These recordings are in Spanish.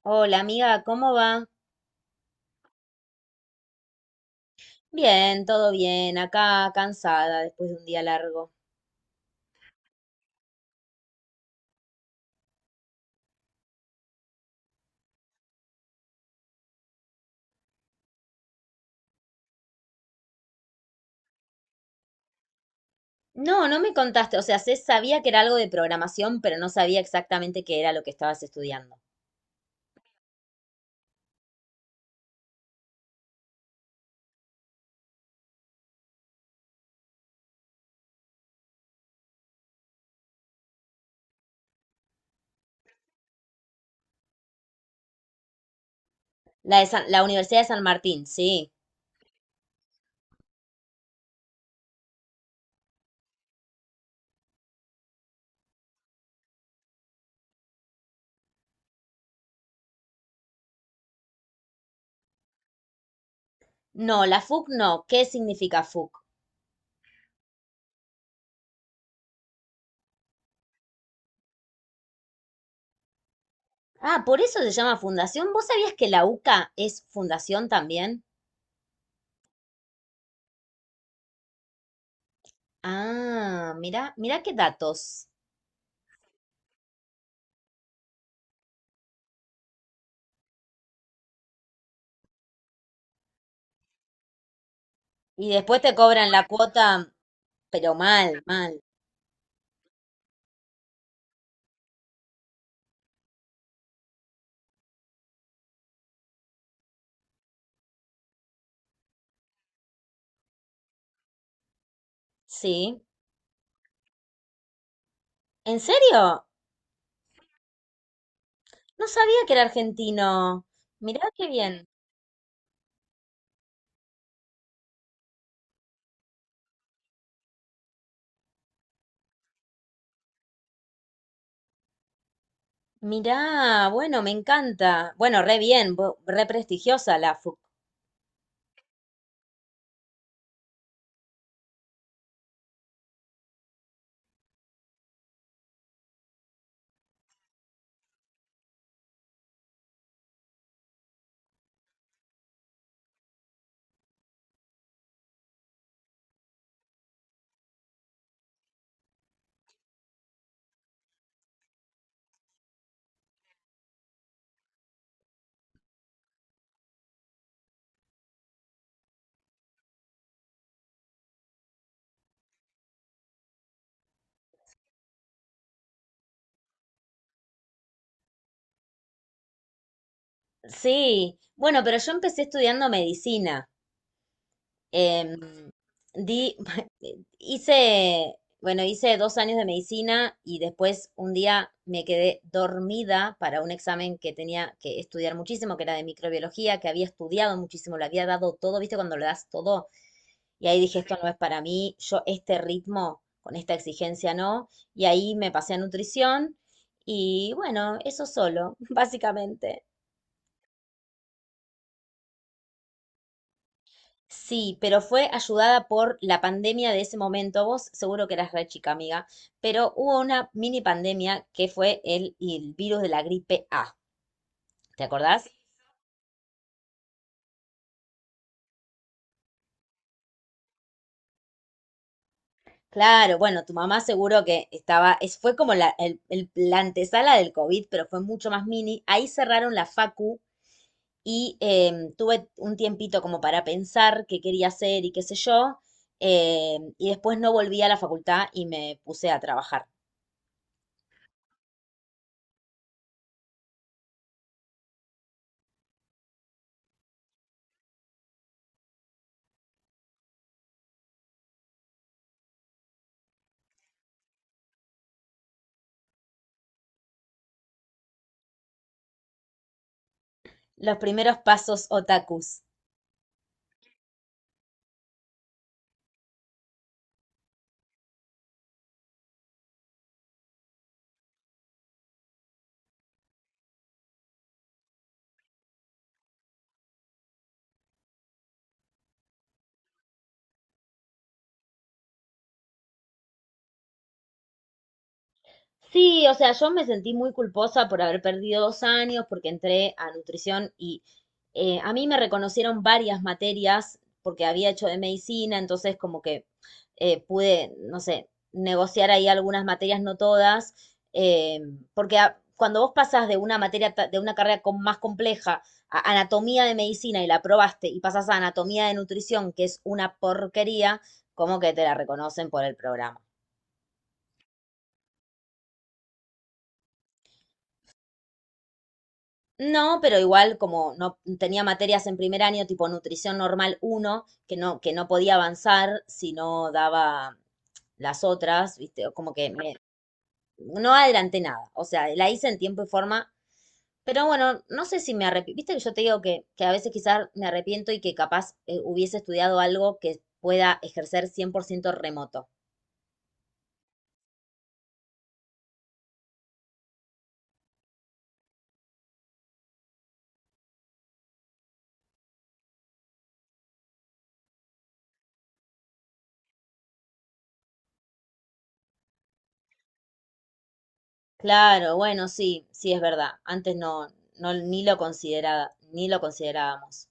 Hola amiga, ¿cómo va? Bien, todo bien, acá cansada después de un día largo. No, no me contaste, o sea, sé, sabía que era algo de programación, pero no sabía exactamente qué era lo que estabas estudiando. La de San- la Universidad de San Martín, sí. No, la FUC no. ¿Qué significa FUC? Ah, por eso se llama fundación. ¿Vos sabías que la UCA es fundación también? Ah, mira, mira qué datos. Y después te cobran la cuota, pero mal, mal. Sí. ¿En serio? No sabía que era argentino. Mirá qué bien. Mirá, bueno, me encanta. Bueno, re bien, bo- re prestigiosa la FUC. Sí, bueno, pero yo empecé estudiando medicina. Em, di, hice, bueno, hice 2 años de medicina y después un día me quedé dormida para un examen que tenía que estudiar muchísimo, que era de microbiología, que había estudiado muchísimo, lo había dado todo, ¿viste? Cuando lo das todo. Y ahí dije, esto no es para mí, yo este ritmo con esta exigencia no. Y ahí me pasé a nutrición y bueno, eso solo, básicamente. Sí, pero fue ayudada por la pandemia de ese momento. Vos seguro que eras re chica, amiga, pero hubo una mini pandemia que fue el virus de la gripe A. ¿Te acordás? Claro, bueno, tu mamá seguro que estaba, es, fue como la, la antesala del COVID, pero fue mucho más mini. Ahí cerraron la facu y tuve un tiempito como para pensar qué quería hacer y qué sé yo, y después no volví a la facultad y me puse a trabajar. Los primeros pasos otakus. Sí, o sea, yo me sentí muy culposa por haber perdido 2 años, porque entré a nutrición y a mí me reconocieron varias materias porque había hecho de medicina, entonces como que pude, no sé, negociar ahí algunas materias, no todas, eh, porque a- cuando vos pasás de una materia, ta- de una carrera com- más compleja a anatomía de medicina y la aprobaste y pasás a anatomía de nutrición, que es una porquería, como que te la reconocen por el programa. No, pero igual como no tenía materias en primer año, tipo nutrición normal uno que no podía avanzar si no daba las otras, ¿viste? O como que me- no adelanté nada. O sea, la hice en tiempo y forma, pero bueno, no sé si me arrepiento. Viste que yo te digo que a veces quizás me arrepiento y que capaz hubiese estudiado algo que pueda ejercer 100% remoto. Claro, bueno, sí, sí es verdad. Antes no, no, ni lo consideraba, ni lo considerábamos.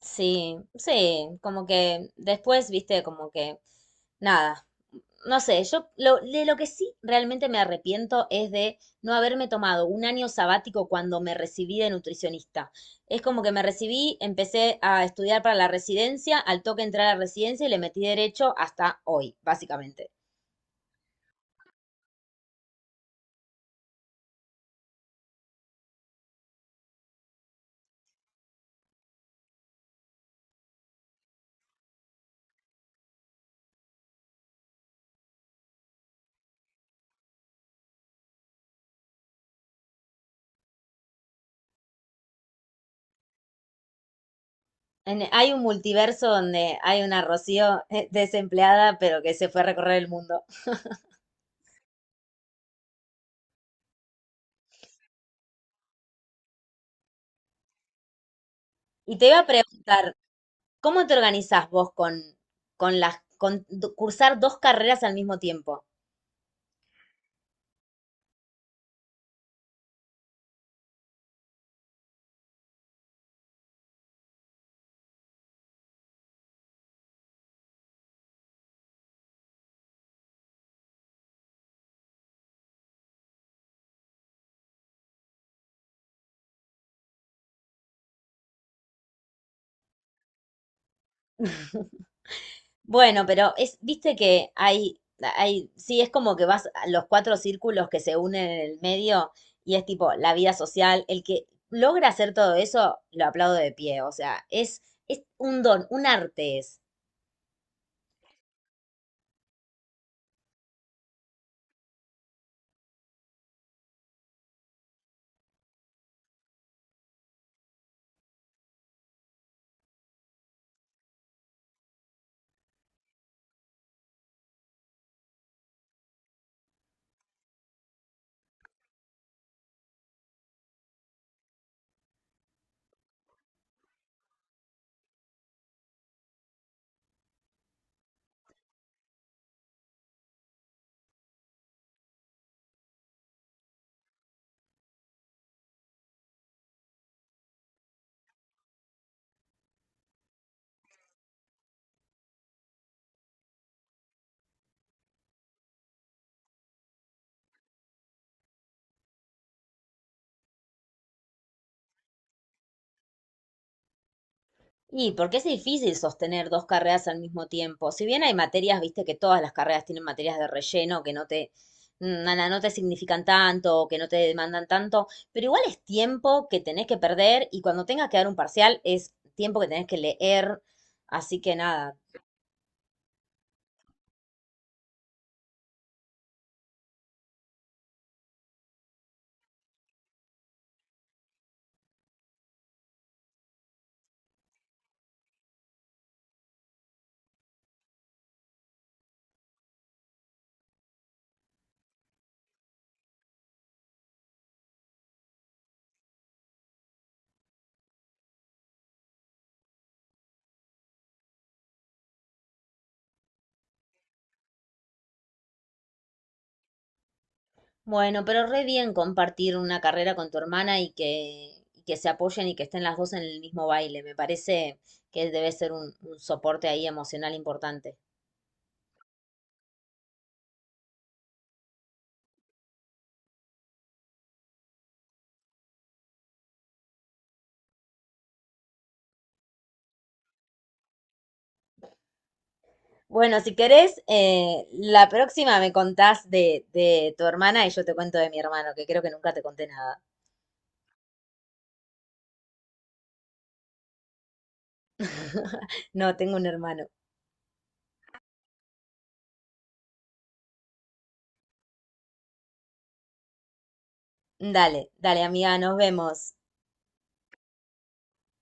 Sí, sí, como que después, viste, como que nada, no sé, yo lo, de lo que sí realmente me arrepiento es de no haberme tomado un año sabático cuando me recibí de nutricionista. Es como que me recibí, empecé a estudiar para la residencia, al toque entré a la residencia y le metí derecho hasta hoy, básicamente. En- hay un multiverso donde hay una Rocío desempleada, pero que se fue a recorrer el mundo. Y te iba a preguntar, ¿cómo te organizás vos con las, con do- cursar dos carreras al mismo tiempo? Bueno, pero es, viste que hay, sí, es como que vas a los cuatro círculos que se unen en el medio y es tipo la vida social. El que logra hacer todo eso, lo aplaudo de pie. O sea, es un don, un arte es. Y porque es difícil sostener dos carreras al mismo tiempo. Si bien hay materias, viste que todas las carreras tienen materias de relleno que no te, nada, no te significan tanto, o que no te demandan tanto, pero igual es tiempo que tenés que perder y cuando tengas que dar un parcial es tiempo que tenés que leer. Así que nada. Bueno, pero re bien compartir una carrera con tu hermana y que se apoyen y que estén las dos en el mismo baile. Me parece que debe ser un soporte ahí emocional importante. Bueno, si querés, la próxima me contás de tu hermana y yo te cuento de mi hermano, que creo que nunca te conté nada. No, tengo un hermano. Dale, dale, amiga, nos vemos.